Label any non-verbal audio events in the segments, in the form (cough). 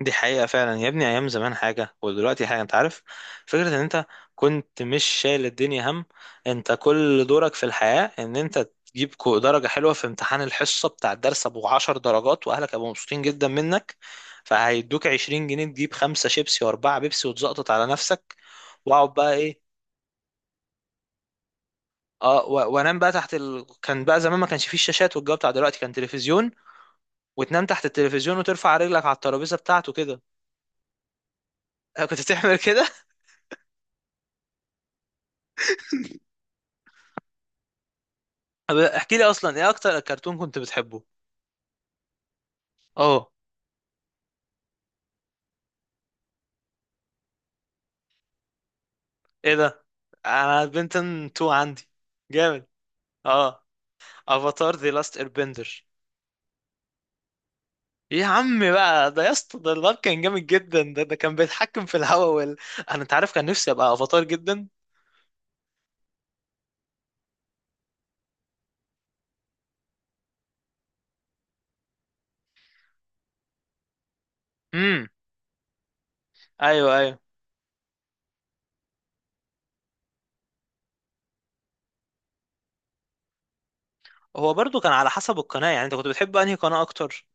دي حقيقة فعلا يا ابني، أيام زمان حاجة ودلوقتي حاجة. أنت عارف فكرة إن أنت كنت مش شايل الدنيا هم؟ أنت كل دورك في الحياة إن أنت تجيب درجة حلوة في امتحان الحصة بتاع الدرس أبو 10 درجات، وأهلك هيبقوا مبسوطين جدا منك. فهيدوك 20 جنيه، تجيب خمسة شيبسي وأربعة بيبسي وتزقطط على نفسك. وأقعد بقى إيه، وانام بقى كان بقى زمان ما كانش فيه الشاشات والجو بتاع دلوقتي، كان تلفزيون، وتنام تحت التلفزيون وترفع رجلك على الترابيزه بتاعته كده. (laughs) أنا كنت بتعمل كده. طب احكي لي اصلا ايه اكتر كرتون كنت بتحبه. اه، ايه ده، انا بنتن 2 عندي، جامد. اه، افاتار ذا لاست ايربندر. يا عمي بقى ده، يا اسطى، ده الواد كان جامد جدا، ده كان بيتحكم في الهواء انا، انت عارف، كان نفسي ابقى افاتار جدا. امم ايوه ايوه، هو برضو كان على حسب القناه. يعني انت كنت بتحب انهي قناه اكتر؟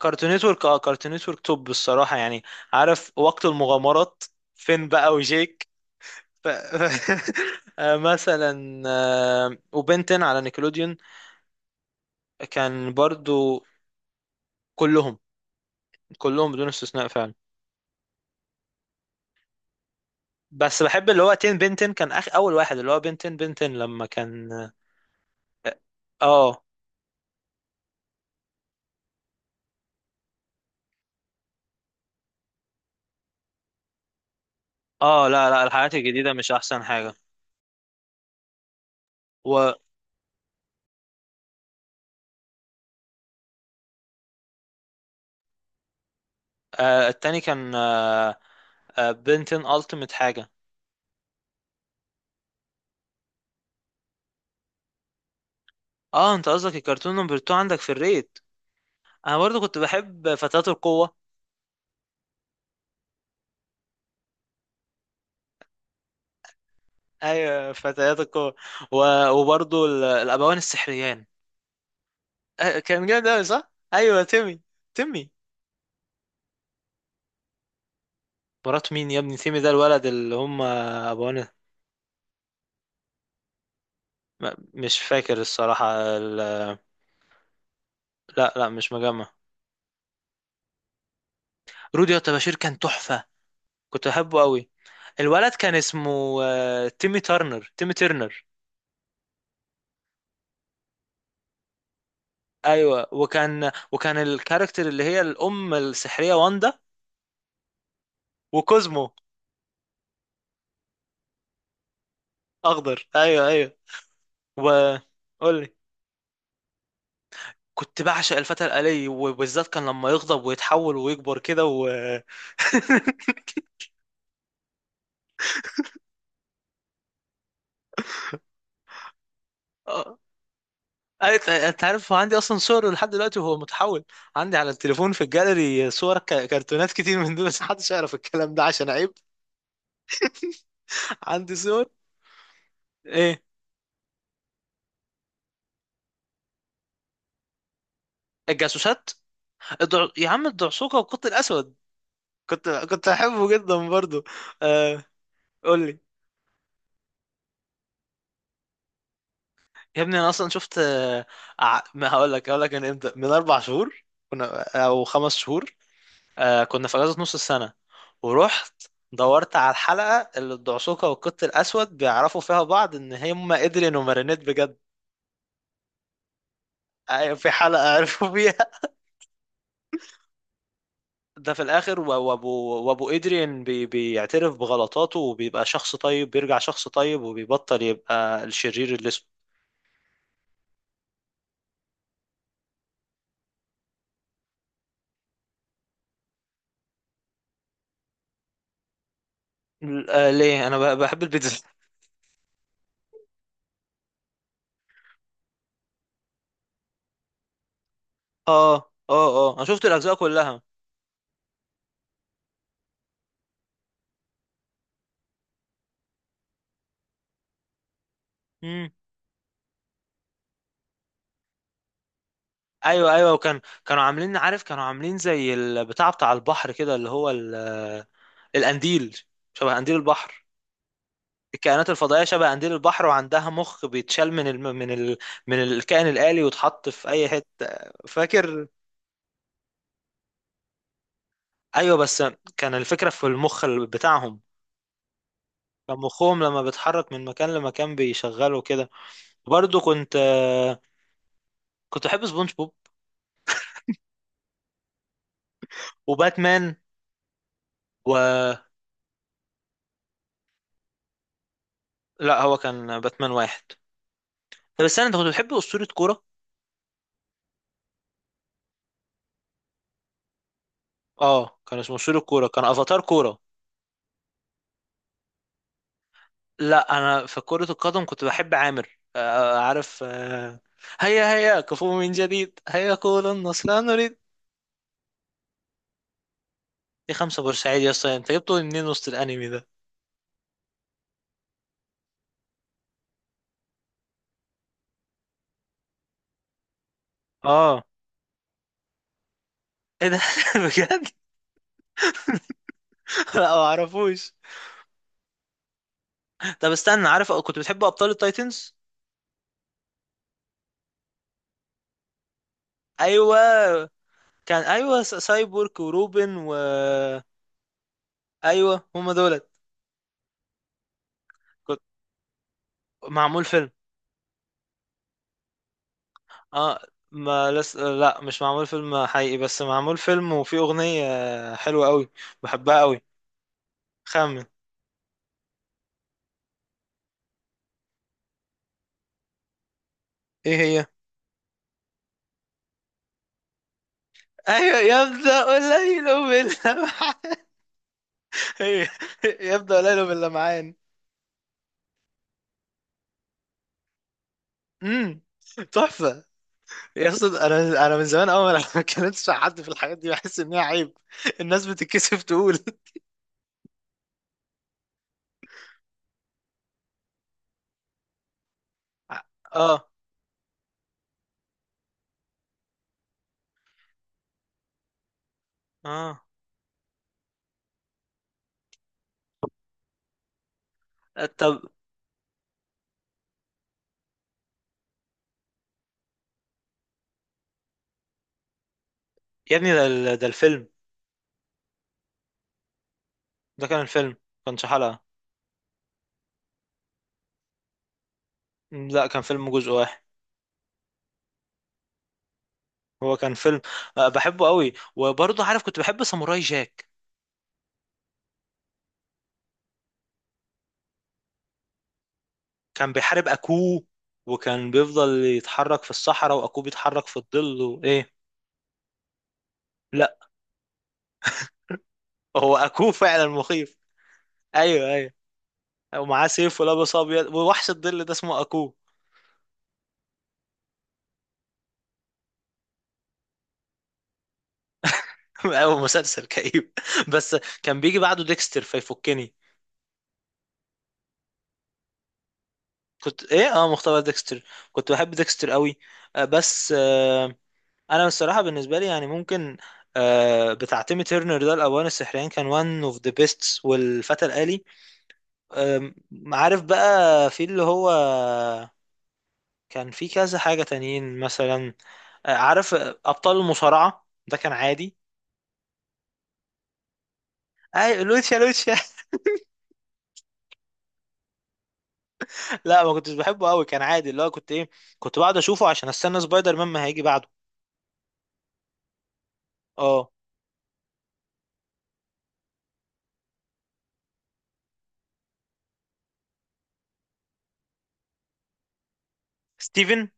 كارتون نتورك، اه، كارتون نتورك توب الصراحه يعني. عارف وقت المغامرات، فين بقى وجيك؟ ف... (laughs) مثلا وبنتن على نيكلوديون، كان برضو. كلهم، كلهم بدون استثناء فعلا. بس بحب اللي هو تين بنتن، كان اخ اول واحد اللي هو بنتن بنتن لما كان. اه اه، لا لا، الحاجات الجديدة مش احسن حاجة. والتاني كان بنتن التيمت حاجة. اه، انت قصدك الكرتون نمبر 2 عندك في الريت؟ انا برضو كنت بحب فتيات القوة. ايوه، فتيات القوة. وبرضو الابوان السحريان. كان جامد أوي، صح؟ أيوه، تيمي. تيمي، مرات مين يا ابني؟ تيمي ده الولد اللي هم أبوانا. مش فاكر الصراحة لا لا، مش مجمع. رودي بشير كان تحفة، كنت أحبه أوي. الولد كان اسمه تيمي ترنر، تيمي ترنر. أيوه، وكان الكاركتر اللي هي الأم السحرية واندا، وكوزمو. أخضر، أيوه أيوه. وقول لي. كنت بعشق الفتى الآلي، وبالذات كان لما يغضب ويتحول ويكبر كده و (laughs) أنت عارف، هو عندي أصلا صور لحد دلوقتي وهو متحول. عندي على التليفون في الجاليري صور كرتونات كتير من دول، بس محدش يعرف الكلام ده عشان عيب. عندي صور. إيه؟ الجاسوسات. يا عم، الدعسوقة والقط الأسود، كنت أحبه جدا برضو. آه... قول لي. يا ابني، أنا أصلا شفت ما هقول لك من إمتى، من 4 شهور كنا، أو 5 شهور. آه كنا في اجازه نص السنه، ورحت دورت على الحلقه اللي الدعسوقه والقط الاسود بيعرفوا فيها بعض ان هم ادريان ومارينيت بجد. أيوة، في حلقه عرفوا فيها. (laughs) ده في الاخر، وابو، وابو ادريان بي بيعترف بغلطاته وبيبقى شخص طيب، بيرجع شخص طيب وبيبطل يبقى الشرير اللي اسمه. ليه؟ انا بحب البيتزا. (laughs) اه اه، اه انا شفت الاجزاء كلها. امم ايوه ايوه، كانوا عاملين، عارف، كانوا عاملين زي البتاع بتاع البحر كده، اللي هو القنديل، شبه قنديل البحر. الكائنات الفضائية شبه قنديل البحر، وعندها مخ بيتشال من من من الكائن الآلي ويتحط في أي حتة. فاكر. أيوة بس، كان الفكرة في المخ بتاعهم. كان مخهم لما بيتحرك من مكان لمكان بيشغله كده. برضه كنت، كنت بحب سبونج بوب. وباتمان و، لا، هو كان باتمان واحد. طب استنى، انت كنت بتحب أسطورة كورة؟ اه، كان اسمه أسطورة كورة، كان أفاتار كورة. لا، انا في كرة القدم كنت بحب عامر. عارف هيا هيا كفو من جديد، هيا كولا النصر لا نريد. دي خمسة بورسعيد يا اسطى، انت جبته منين وسط الانمي ده؟ اه، ايه ده (laughs) بجد؟ لا، ما اعرفوش. طب استنى، عارف كنت بتحب ابطال التايتنز؟ ايوه، كان ايوه، سايبورغ وروبن و ايوه، هم دولت. كنت. معمول فيلم. اه، ما لس... لا مش معمول فيلم حقيقي، بس معمول فيلم وفيه اغنية حلوة قوي. بحبها قوي، خمن. ايه هي؟ ايوه، يبدأ الليل باللمعان. (laughs) هي، يبدأ الليل باللمعان. امم تحفة. يا اسطى، انا من زمان، اول ما (laughs) اتكلمتش مع حد في الحاجات دي بحس ان هي عيب. الناس بتتكسف تقول. اه، اه، طب يا ابني، ده ده الفيلم، ده كان الفيلم، كانش حلقة. لا، كان فيلم جزء واحد. هو كان فيلم. بحبه قوي. وبرضه عارف كنت بحب ساموراي جاك. كان بيحارب اكوه، وكان بيفضل يتحرك في الصحراء واكوه بيتحرك في الظل وايه. لا، هو اكوه فعلا مخيف. ايوه ايوه، ومعاه سيف ولابس ابيض، ووحش الظل ده اسمه اكوه. (laughs) او مسلسل كئيب (laughs) بس. كان بيجي بعده ديكستر فيفكني. كنت ايه، اه، مختبر ديكستر. كنت بحب ديكستر قوي. بس انا الصراحه بالنسبه لي يعني، ممكن بتاع تيمي تيرنر ده، الأوان السحريان كان one of the best، والفتى الآلي. أم، عارف بقى في اللي هو، كان في كذا حاجة تانيين مثلا. عارف أبطال المصارعة ده كان عادي. اي، لوتشا لوتشا (laughs) لا، ما كنتش بحبه قوي، كان عادي. اللي هو كنت ايه، كنت بقعد اشوفه عشان استنى سبايدر مان ما هيجي بعده. اه، ستيفن.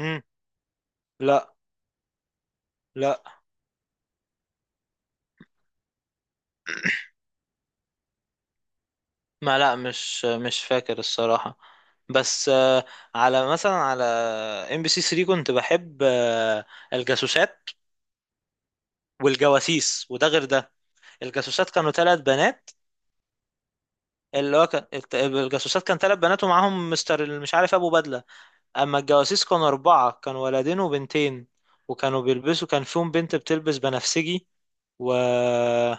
امم لا لا، ما لا مش مش فاكر الصراحة. بس على مثلا على ام بي سي 3 كنت بحب الجاسوسات والجواسيس، وده غير ده. الجاسوسات كانوا 3 بنات. اللي هو كان الجاسوسات كان 3 بنات، ومعاهم مستر مش عارف، ابو بدله. اما الجواسيس كانوا 4، كانوا ولدين وبنتين، وكانوا بيلبسوا، كان فيهم بنت بتلبس بنفسجي. ومش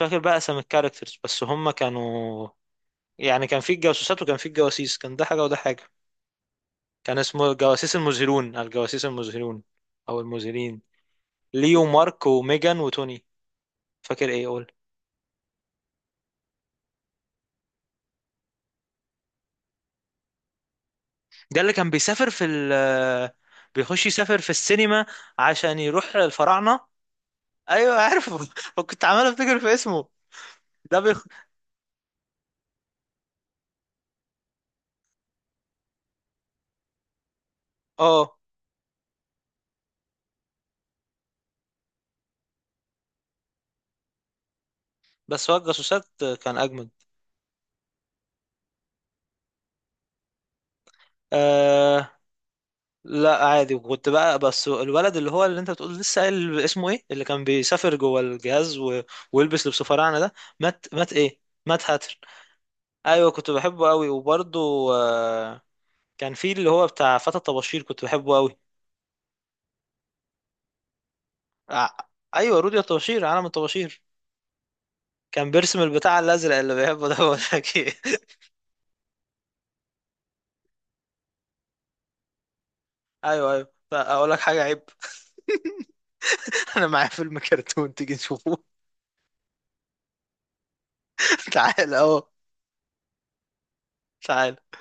فاكر بقى اسم الكاركترز، بس هم كانوا، يعني كان في الجاسوسات وكان في الجواسيس، كان ده حاجه وده حاجه. كان اسمه الجواسيس المزهرون، الجواسيس المزهرون او المزهرين. ليو مارك وميجان وتوني. فاكر ايه اقول. ده اللي كان بيسافر في ال، بيخش يسافر في السينما عشان يروح الفراعنة. ايوه عارفه (laughs) كنت عمال افتكر في اسمه. ده بيخ... اه بس، هو الجاسوسات كان اجمد. آه لا عادي. وكنت بقى بس الولد اللي هو اللي انت بتقول، لسه قايل اسمه ايه، اللي كان بيسافر جوه الجهاز و... ويلبس لبس فراعنه ده. مات. مات ايه، مات هاتر. ايوه كنت بحبه قوي. وبرده آه كان في اللي هو بتاع فتى الطباشير، كنت بحبه قوي. آه ايوه، رودي الطباشير، عالم الطباشير. كان بيرسم البتاع الازرق اللي بيحبه ده. (laughs) بقول لك ايه، ايوه ايوه، اقول لك حاجه عيب. انا معايا فيلم كرتون، تيجي نشوفه؟ (laughs) تعال اهو. تعال.